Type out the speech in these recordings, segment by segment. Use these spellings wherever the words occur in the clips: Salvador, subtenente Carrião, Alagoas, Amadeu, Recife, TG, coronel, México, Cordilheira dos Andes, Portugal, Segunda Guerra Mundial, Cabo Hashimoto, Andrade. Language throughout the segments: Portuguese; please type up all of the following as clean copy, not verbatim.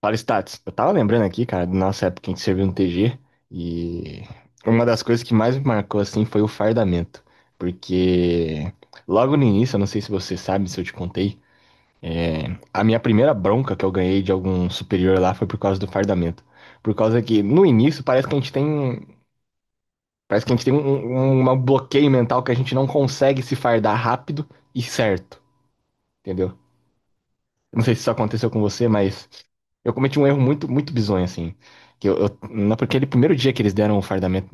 Fala, Stats. Eu tava lembrando aqui, cara, da nossa época em que serviu no TG, e uma das coisas que mais me marcou, assim, foi o fardamento. Porque logo no início, eu não sei se você sabe, se eu te contei, é, a minha primeira bronca que eu ganhei de algum superior lá foi por causa do fardamento. Por causa que, no início, parece que a gente tem um bloqueio mental que a gente não consegue se fardar rápido e certo, entendeu? Não sei se isso aconteceu com você, mas eu cometi um erro muito, muito bizonho, assim. Que eu, eu- Naquele primeiro dia que eles deram o fardamento,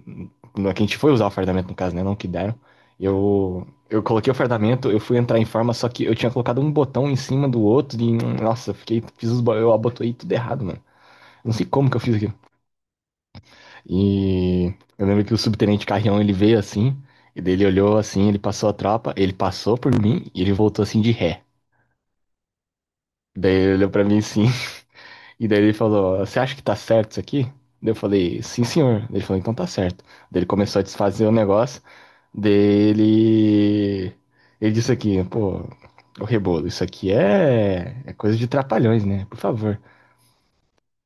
que a gente foi usar o fardamento, no caso, né? Não que deram. Eu coloquei o fardamento, eu fui entrar em forma, só que eu tinha colocado um botão em cima do outro e, nossa, eu fiquei, eu abotoei tudo errado, mano. Não sei como que eu fiz aquilo. E eu lembro que o subtenente Carrião, ele veio assim, e daí ele olhou assim, ele passou a tropa, ele passou por mim e ele voltou assim de ré. Daí ele olhou pra mim assim. E daí ele falou: Você acha que tá certo isso aqui? Daí eu falei: Sim, senhor. Daí ele falou: Então tá certo. Daí ele começou a desfazer o negócio. Dele. Ele disse aqui: Pô, o rebolo, isso aqui é... é coisa de trapalhões, né? Por favor.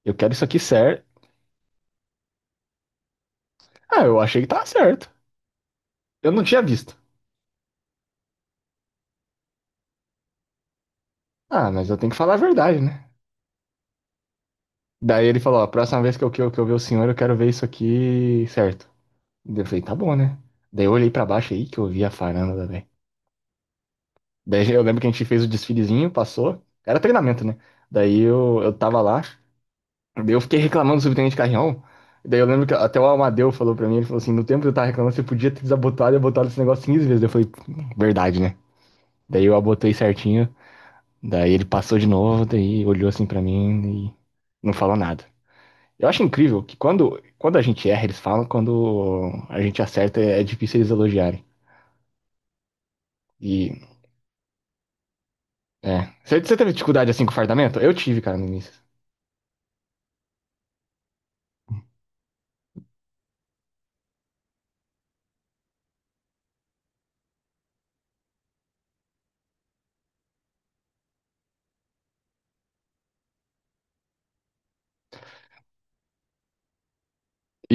Eu quero isso aqui certo. Ah, eu achei que tava certo. Eu não tinha visto. Ah, mas eu tenho que falar a verdade, né? Daí ele falou: Ó, a próxima vez que eu ver o senhor, eu quero ver isso aqui certo. Daí eu falei: Tá bom, né? Daí eu olhei pra baixo aí que eu vi a varanda, velho. Daí eu lembro que a gente fez o desfilezinho, passou. Era treinamento, né? Daí eu tava lá, daí eu fiquei reclamando do subtenente Carrião. Daí eu lembro que até o Amadeu falou pra mim, ele falou assim, no tempo que eu tava reclamando, você podia ter desabotado e botado esse negócio 15 vezes. Daí eu falei, verdade, né? Daí eu abotei certinho, daí ele passou de novo, daí olhou assim pra mim e não falou nada. Eu acho incrível que quando a gente erra, eles falam, quando a gente acerta, é difícil eles elogiarem. E, você teve dificuldade assim com fardamento? Eu tive, cara, no início.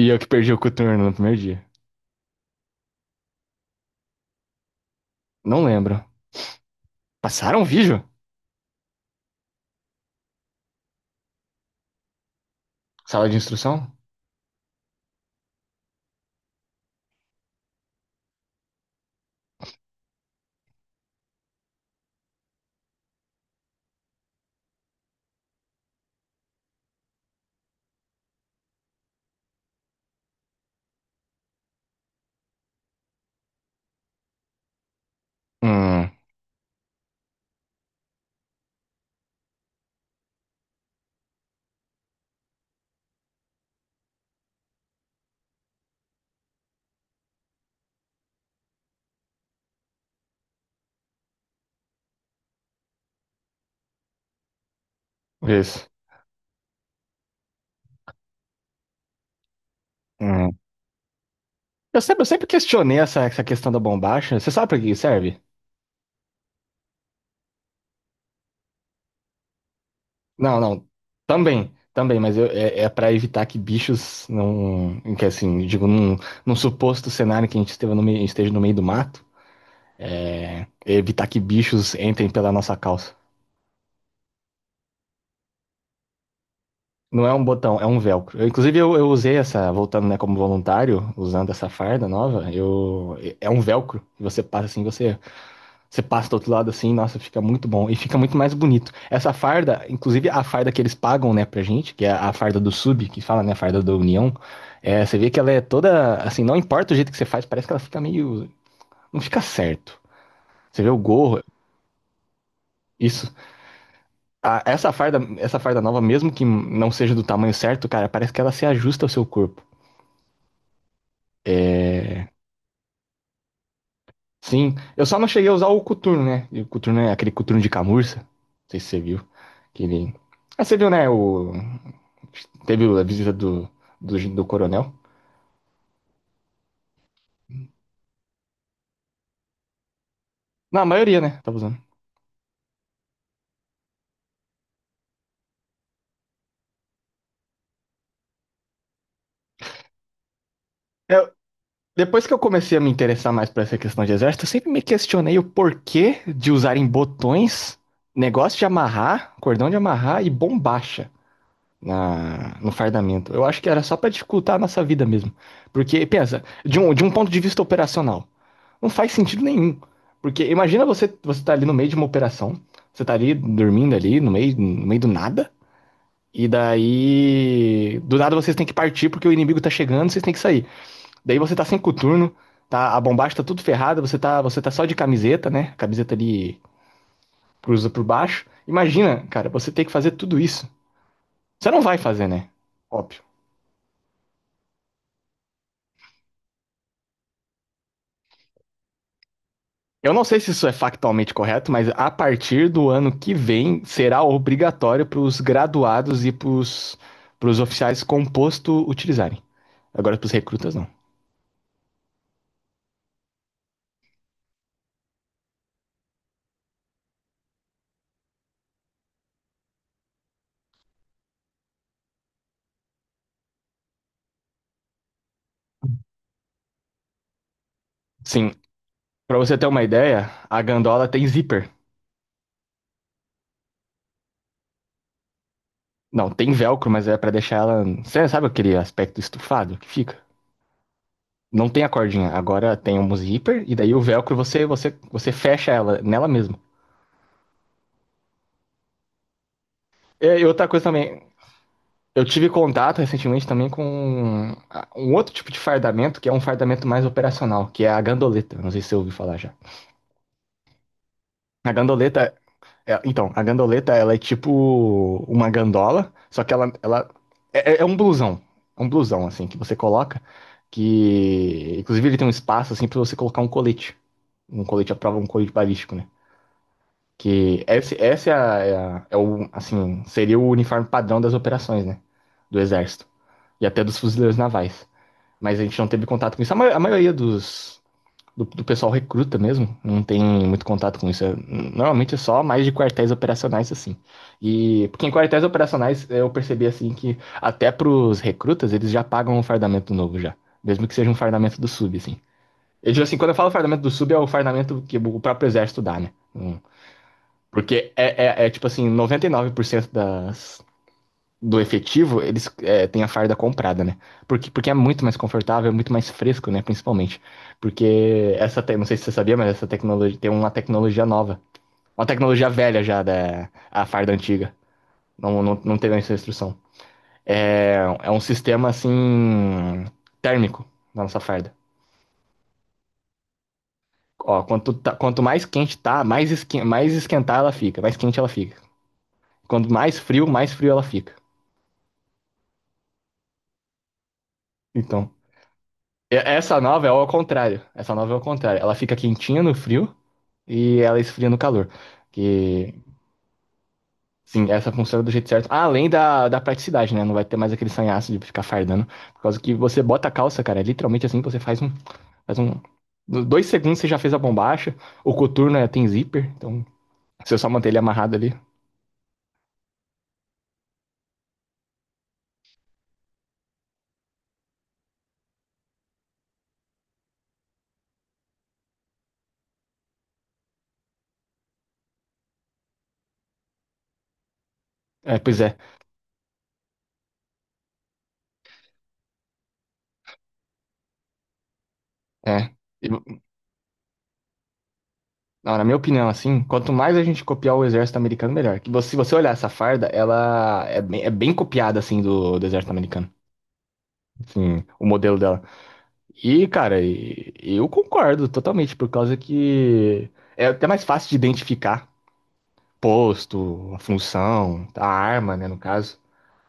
E eu que perdi o coturno no primeiro dia. Não lembro. Passaram um vídeo? Sala de instrução? Hum, isso. Hum. Eu sempre questionei essa questão da bombacha. Você sabe pra que serve? Não, não. Também, também, mas é para evitar que bichos não. Que assim, digo, num suposto cenário que a gente esteve no meio- esteja no meio do mato, evitar que bichos entrem pela nossa calça. Não é um botão, é um velcro. Eu, inclusive, eu usei essa, voltando, né, como voluntário, usando essa farda nova, eu, é é um velcro. Você passa do outro lado assim, nossa, fica muito bom. E fica muito mais bonito. Essa farda, inclusive a farda que eles pagam, né, pra gente, que é a farda do sub, que fala, né, a farda da União, você vê que ela é toda, assim, não importa o jeito que você faz, parece que ela fica meio, não fica certo. Você vê o gorro, isso. Essa farda nova, mesmo que não seja do tamanho certo, cara, parece que ela se ajusta ao seu corpo. É, sim, eu só não cheguei a usar o coturno, né? E o coturno é aquele coturno de camurça. Não sei se você viu. Que ele... Ah, você viu, né? O... Teve a visita do coronel. Na maioria, né? Tava usando. Eu- Depois que eu comecei a me interessar mais por essa questão de exército, eu sempre me questionei o porquê de usarem botões, negócio de amarrar, cordão de amarrar e bombacha no fardamento. Eu acho que era só pra dificultar a nossa vida mesmo. Porque, pensa, de um ponto de vista operacional. Não faz sentido nenhum. Porque imagina você, você tá ali no meio de uma operação, você tá ali dormindo ali, no meio do nada, e daí. Do nada vocês têm que partir porque o inimigo tá chegando, vocês têm que sair. Daí você tá sem coturno, tá, a bombacha tá tudo ferrada, você tá só de camiseta, né? Camiseta ali cruza por baixo. Imagina, cara, você tem que fazer tudo isso. Você não vai fazer, né? Óbvio. Eu não sei se isso é factualmente correto, mas a partir do ano que vem será obrigatório para os graduados e para os oficiais com posto utilizarem. Agora para os recrutas não. Sim, para você ter uma ideia, a gandola tem zíper. Não, tem velcro, mas é para deixar ela, você sabe aquele aspecto estufado que fica? Não tem a cordinha, agora tem um zíper e daí o velcro você fecha ela nela mesma. É, e outra coisa também, eu tive contato recentemente também com um outro tipo de fardamento, que é um fardamento mais operacional, que é a gandoleta. Não sei se você ouviu falar já. A gandoleta, então, a gandoleta, ela é tipo uma gandola, só que ela é, é é um blusão, assim, que você coloca, que, inclusive, ele tem um espaço, assim, pra você colocar um colete à prova, um colete balístico, né? Que esse é, a- é, a- é o, assim, seria o uniforme padrão das operações, né? Do exército e até dos fuzileiros navais. Mas a gente não teve contato com isso. A maioria do pessoal recruta mesmo não tem muito contato com isso. Normalmente é só mais de quartéis operacionais, assim. E porque em quartéis operacionais eu percebi, assim, que até pros recrutas eles já pagam um fardamento novo já. Mesmo que seja um fardamento do sub, assim. Eu digo assim, quando eu falo fardamento do sub, é o fardamento que o próprio exército dá, né? Hum. Porque é tipo assim, 99% das do efetivo, têm a farda comprada, né? Porque é muito mais confortável, é muito mais fresco, né? Principalmente. Porque não sei se você sabia, mas essa tecnologia tem uma tecnologia nova. Uma tecnologia velha já da a farda antiga. Não, não, não teve essa instrução. É, é um sistema assim térmico na nossa farda. Ó, quanto mais quente tá, mais esquentar ela fica, mais quente ela fica. Quanto mais frio ela fica. Então, essa nova é ao contrário. Essa nova é ao contrário. Ela fica quentinha no frio e ela esfria no calor. Que, sim, essa funciona do jeito certo. Além da praticidade, né? Não vai ter mais aquele sanhaço de ficar fardando. Por causa que você bota a calça, cara. É literalmente assim, você faz um. Dois segundos você já fez a bombacha. O coturno é, tem zíper, então se eu só manter ele amarrado ali. É, pois é. É. E, não, na minha opinião, assim, quanto mais a gente copiar o exército americano, melhor. Se você olhar essa farda, ela é bem copiada, assim, do exército americano. Sim, o modelo dela. E, cara, eu concordo totalmente, por causa que é até mais fácil de identificar posto, a função, a arma, né, no caso.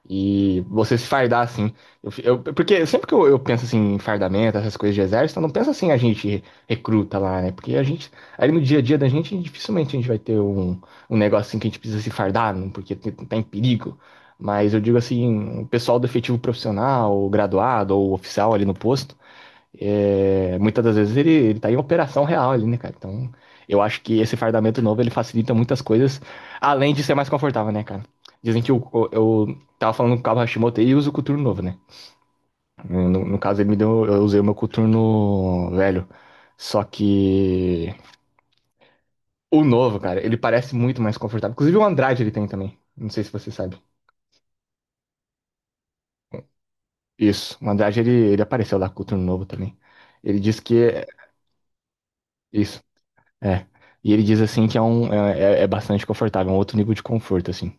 E você se fardar assim. Porque sempre que eu penso assim em fardamento, essas coisas de exército, eu não penso assim a gente recruta lá, né? Porque a gente, ali no dia a dia da gente, dificilmente a gente vai ter um, um negócio assim que a gente precisa se fardar, não, porque tá em perigo. Mas eu digo assim, o pessoal do efetivo profissional, o graduado ou o oficial ali no posto. É, muitas das vezes ele tá em operação real ali, né, cara? Então, eu acho que esse fardamento novo ele facilita muitas coisas, além de ser mais confortável, né, cara? Dizem que eu tava falando com o Cabo Hashimoto e uso o coturno novo, né? No caso, ele me deu, eu usei o meu coturno velho. Só que o novo, cara, ele parece muito mais confortável. Inclusive o Andrade ele tem também. Não sei se você sabe. Isso, o Andrade ele apareceu lá com o coturno novo também. Ele disse que é isso. É. E ele diz assim que é bastante confortável, é um outro nível de conforto, assim.